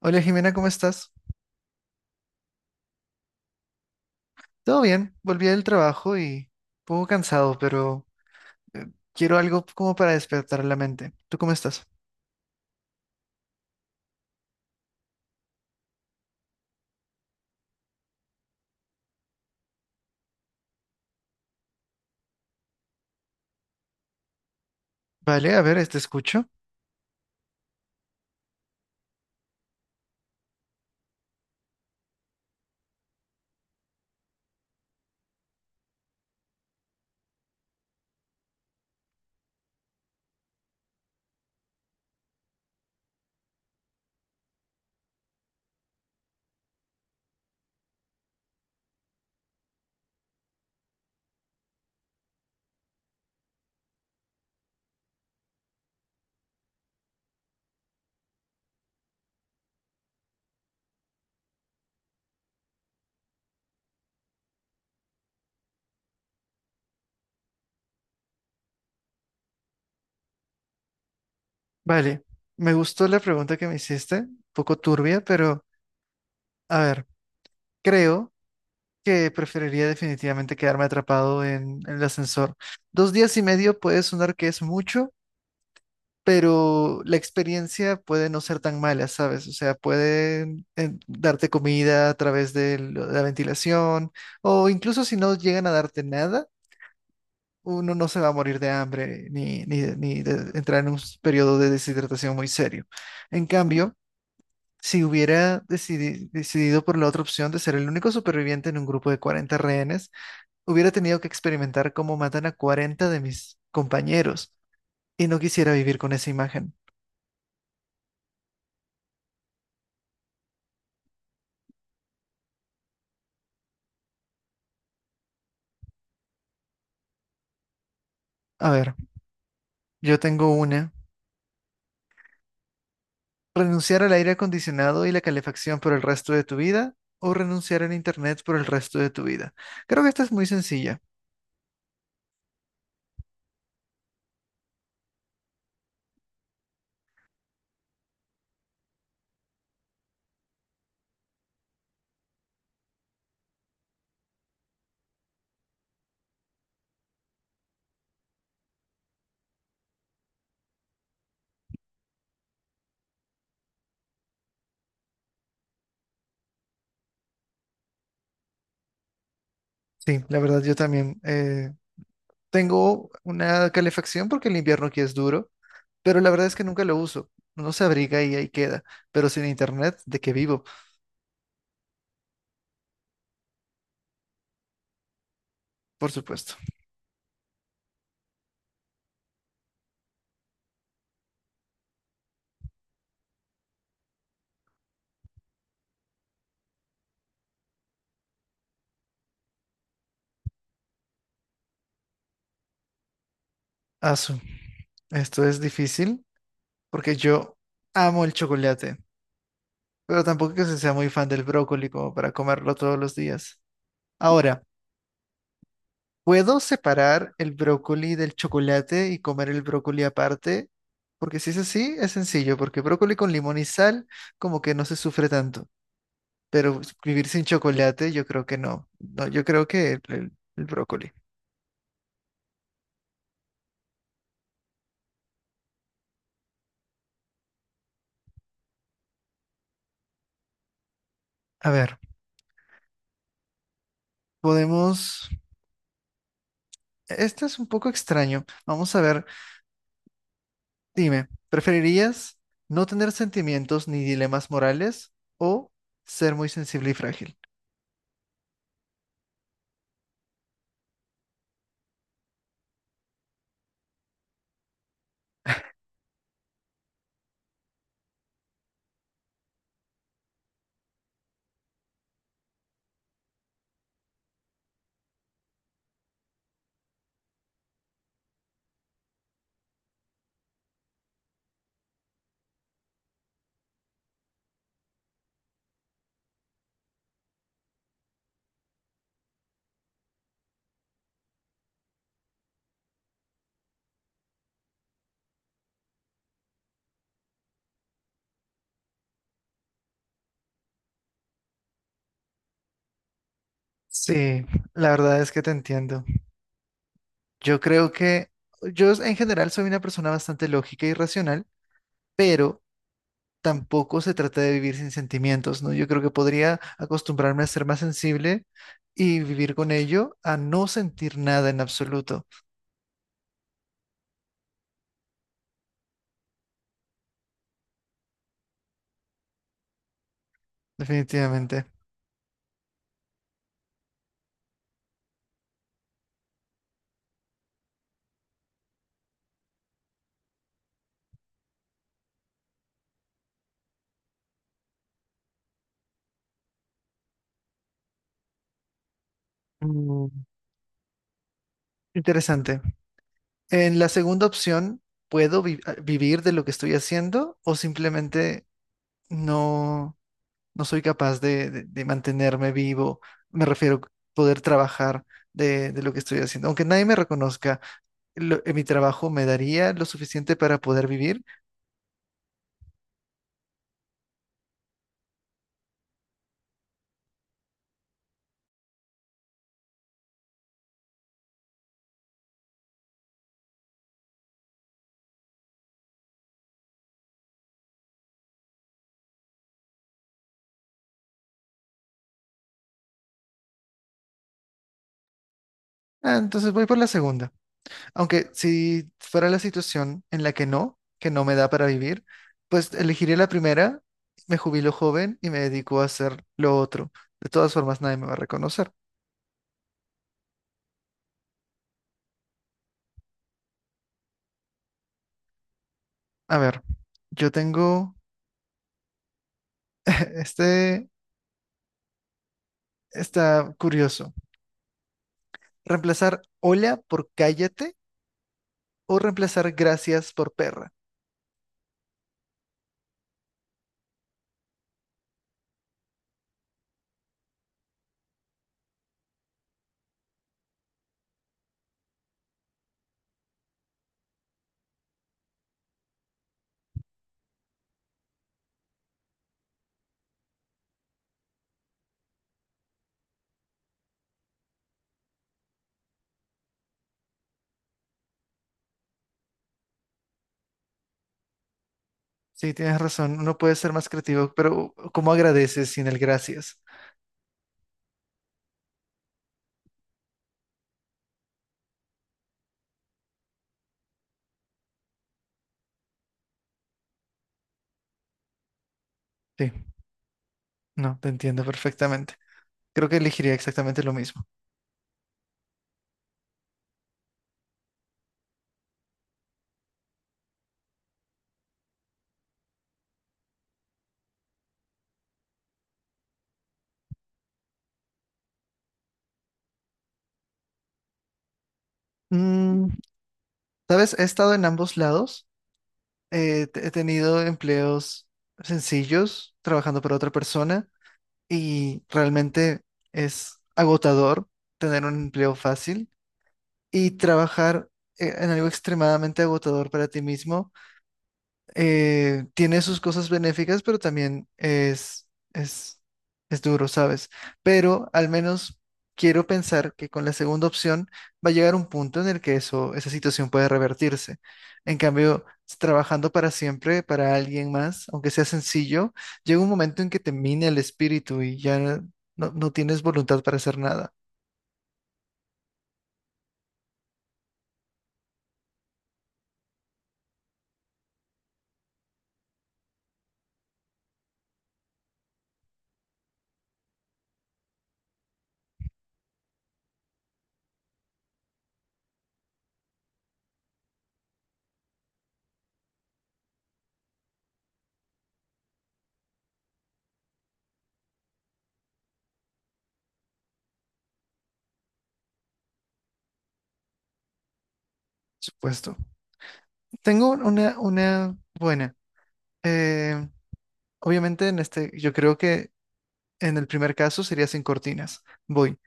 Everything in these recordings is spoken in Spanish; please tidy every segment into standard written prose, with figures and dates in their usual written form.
Hola Jimena, ¿cómo estás? Todo bien, volví del trabajo y un poco cansado, pero eh, quiero algo como para despertar la mente. ¿Tú cómo estás? Vale, a ver, te escucho. Vale, me gustó la pregunta que me hiciste, un poco turbia, pero a ver, creo que preferiría definitivamente quedarme atrapado en el ascensor. Dos días y medio puede sonar que es mucho, pero la experiencia puede no ser tan mala, ¿sabes? O sea, pueden darte comida a través de la ventilación o incluso si no llegan a darte nada, uno no se va a morir de hambre ni de entrar en un periodo de deshidratación muy serio. En cambio, si hubiera decidido por la otra opción de ser el único superviviente en un grupo de 40 rehenes, hubiera tenido que experimentar cómo matan a 40 de mis compañeros y no quisiera vivir con esa imagen. A ver. Yo tengo una. ¿Renunciar al aire acondicionado y la calefacción por el resto de tu vida o renunciar al internet por el resto de tu vida? Creo que esta es muy sencilla. Sí, la verdad yo también tengo una calefacción porque el invierno aquí es duro, pero la verdad es que nunca lo uso. Uno se abriga y ahí queda, pero sin internet, ¿de qué vivo? Por supuesto. Asu, esto es difícil porque yo amo el chocolate, pero tampoco que se sea muy fan del brócoli como para comerlo todos los días. Ahora. ¿Puedo separar el brócoli del chocolate y comer el brócoli aparte? Porque si es así, es sencillo, porque brócoli con limón y sal como que no se sufre tanto, pero vivir sin chocolate yo creo que no. No, yo creo que el brócoli. A ver, podemos... Este es un poco extraño. Vamos a ver, dime, ¿preferirías no tener sentimientos ni dilemas morales o ser muy sensible y frágil? Sí, la verdad es que te entiendo. Yo creo que yo en general soy una persona bastante lógica y racional, pero tampoco se trata de vivir sin sentimientos, ¿no? Yo creo que podría acostumbrarme a ser más sensible y vivir con ello a no sentir nada en absoluto, definitivamente. Mm, interesante. En la segunda opción, ¿puedo vivir de lo que estoy haciendo o simplemente no? No soy capaz de mantenerme vivo, me refiero a poder trabajar de lo que estoy haciendo. Aunque nadie me reconozca, mi trabajo me daría lo suficiente para poder vivir, ah, entonces voy por la segunda. Aunque si fuera la situación en la que no me da para vivir, pues elegiría la primera, me jubilo joven y me dedico a hacer lo otro. De todas formas, nadie me va a reconocer. A ver, yo tengo este, está curioso. Reemplazar hola por cállate o reemplazar gracias por perra. Sí, tienes razón, uno puede ser más creativo, pero ¿cómo agradeces sin el gracias? Sí, no, te entiendo perfectamente. Creo que elegiría exactamente lo mismo. Mm, ¿sabes? He estado en ambos lados. He tenido empleos sencillos, trabajando para otra persona, y realmente es agotador tener un empleo fácil y trabajar en algo extremadamente agotador para ti mismo. Tiene sus cosas benéficas, pero también es, es duro, ¿sabes? Pero al menos quiero pensar que con la segunda opción va a llegar un punto en el que eso, esa situación puede revertirse. En cambio, trabajando para siempre, para alguien más, aunque sea sencillo, llega un momento en que te mina el espíritu y ya no tienes voluntad para hacer nada, por supuesto. Tengo una buena. Eh, Obviamente en este, yo creo que en el primer caso sería sin cortinas. Voy.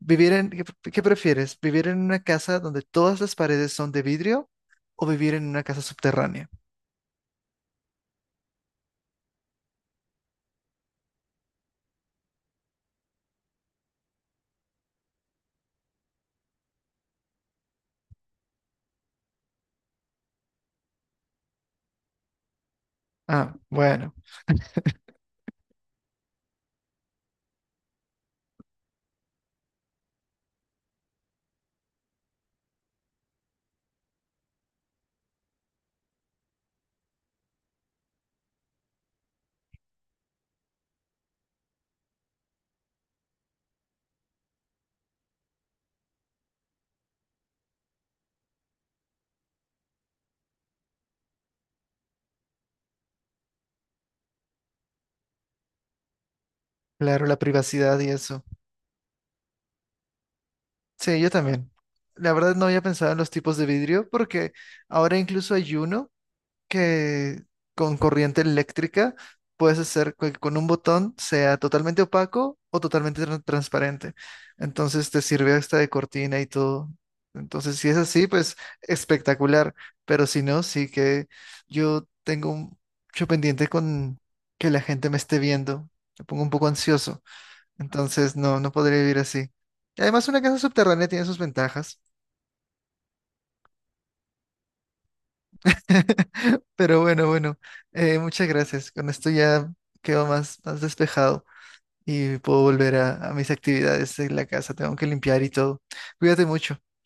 Vivir en, qué prefieres? ¿Vivir en una casa donde todas las paredes son de vidrio o vivir en una casa subterránea? Ah, bueno, claro, la privacidad y eso. Sí, yo también. La verdad no había pensado en los tipos de vidrio porque ahora incluso hay uno que con corriente eléctrica puedes hacer que con un botón sea totalmente opaco o totalmente transparente. Entonces te sirve hasta de cortina y todo. Entonces, si es así, pues espectacular. Pero si no, sí que yo tengo un- mucho pendiente con que la gente me esté viendo. Me pongo un poco ansioso. Entonces, no, no podría vivir así. Y además, una casa subterránea tiene sus ventajas. Pero bueno, muchas gracias. Con esto ya quedo más despejado y puedo volver a mis actividades en la casa. Tengo que limpiar y todo. Cuídate mucho.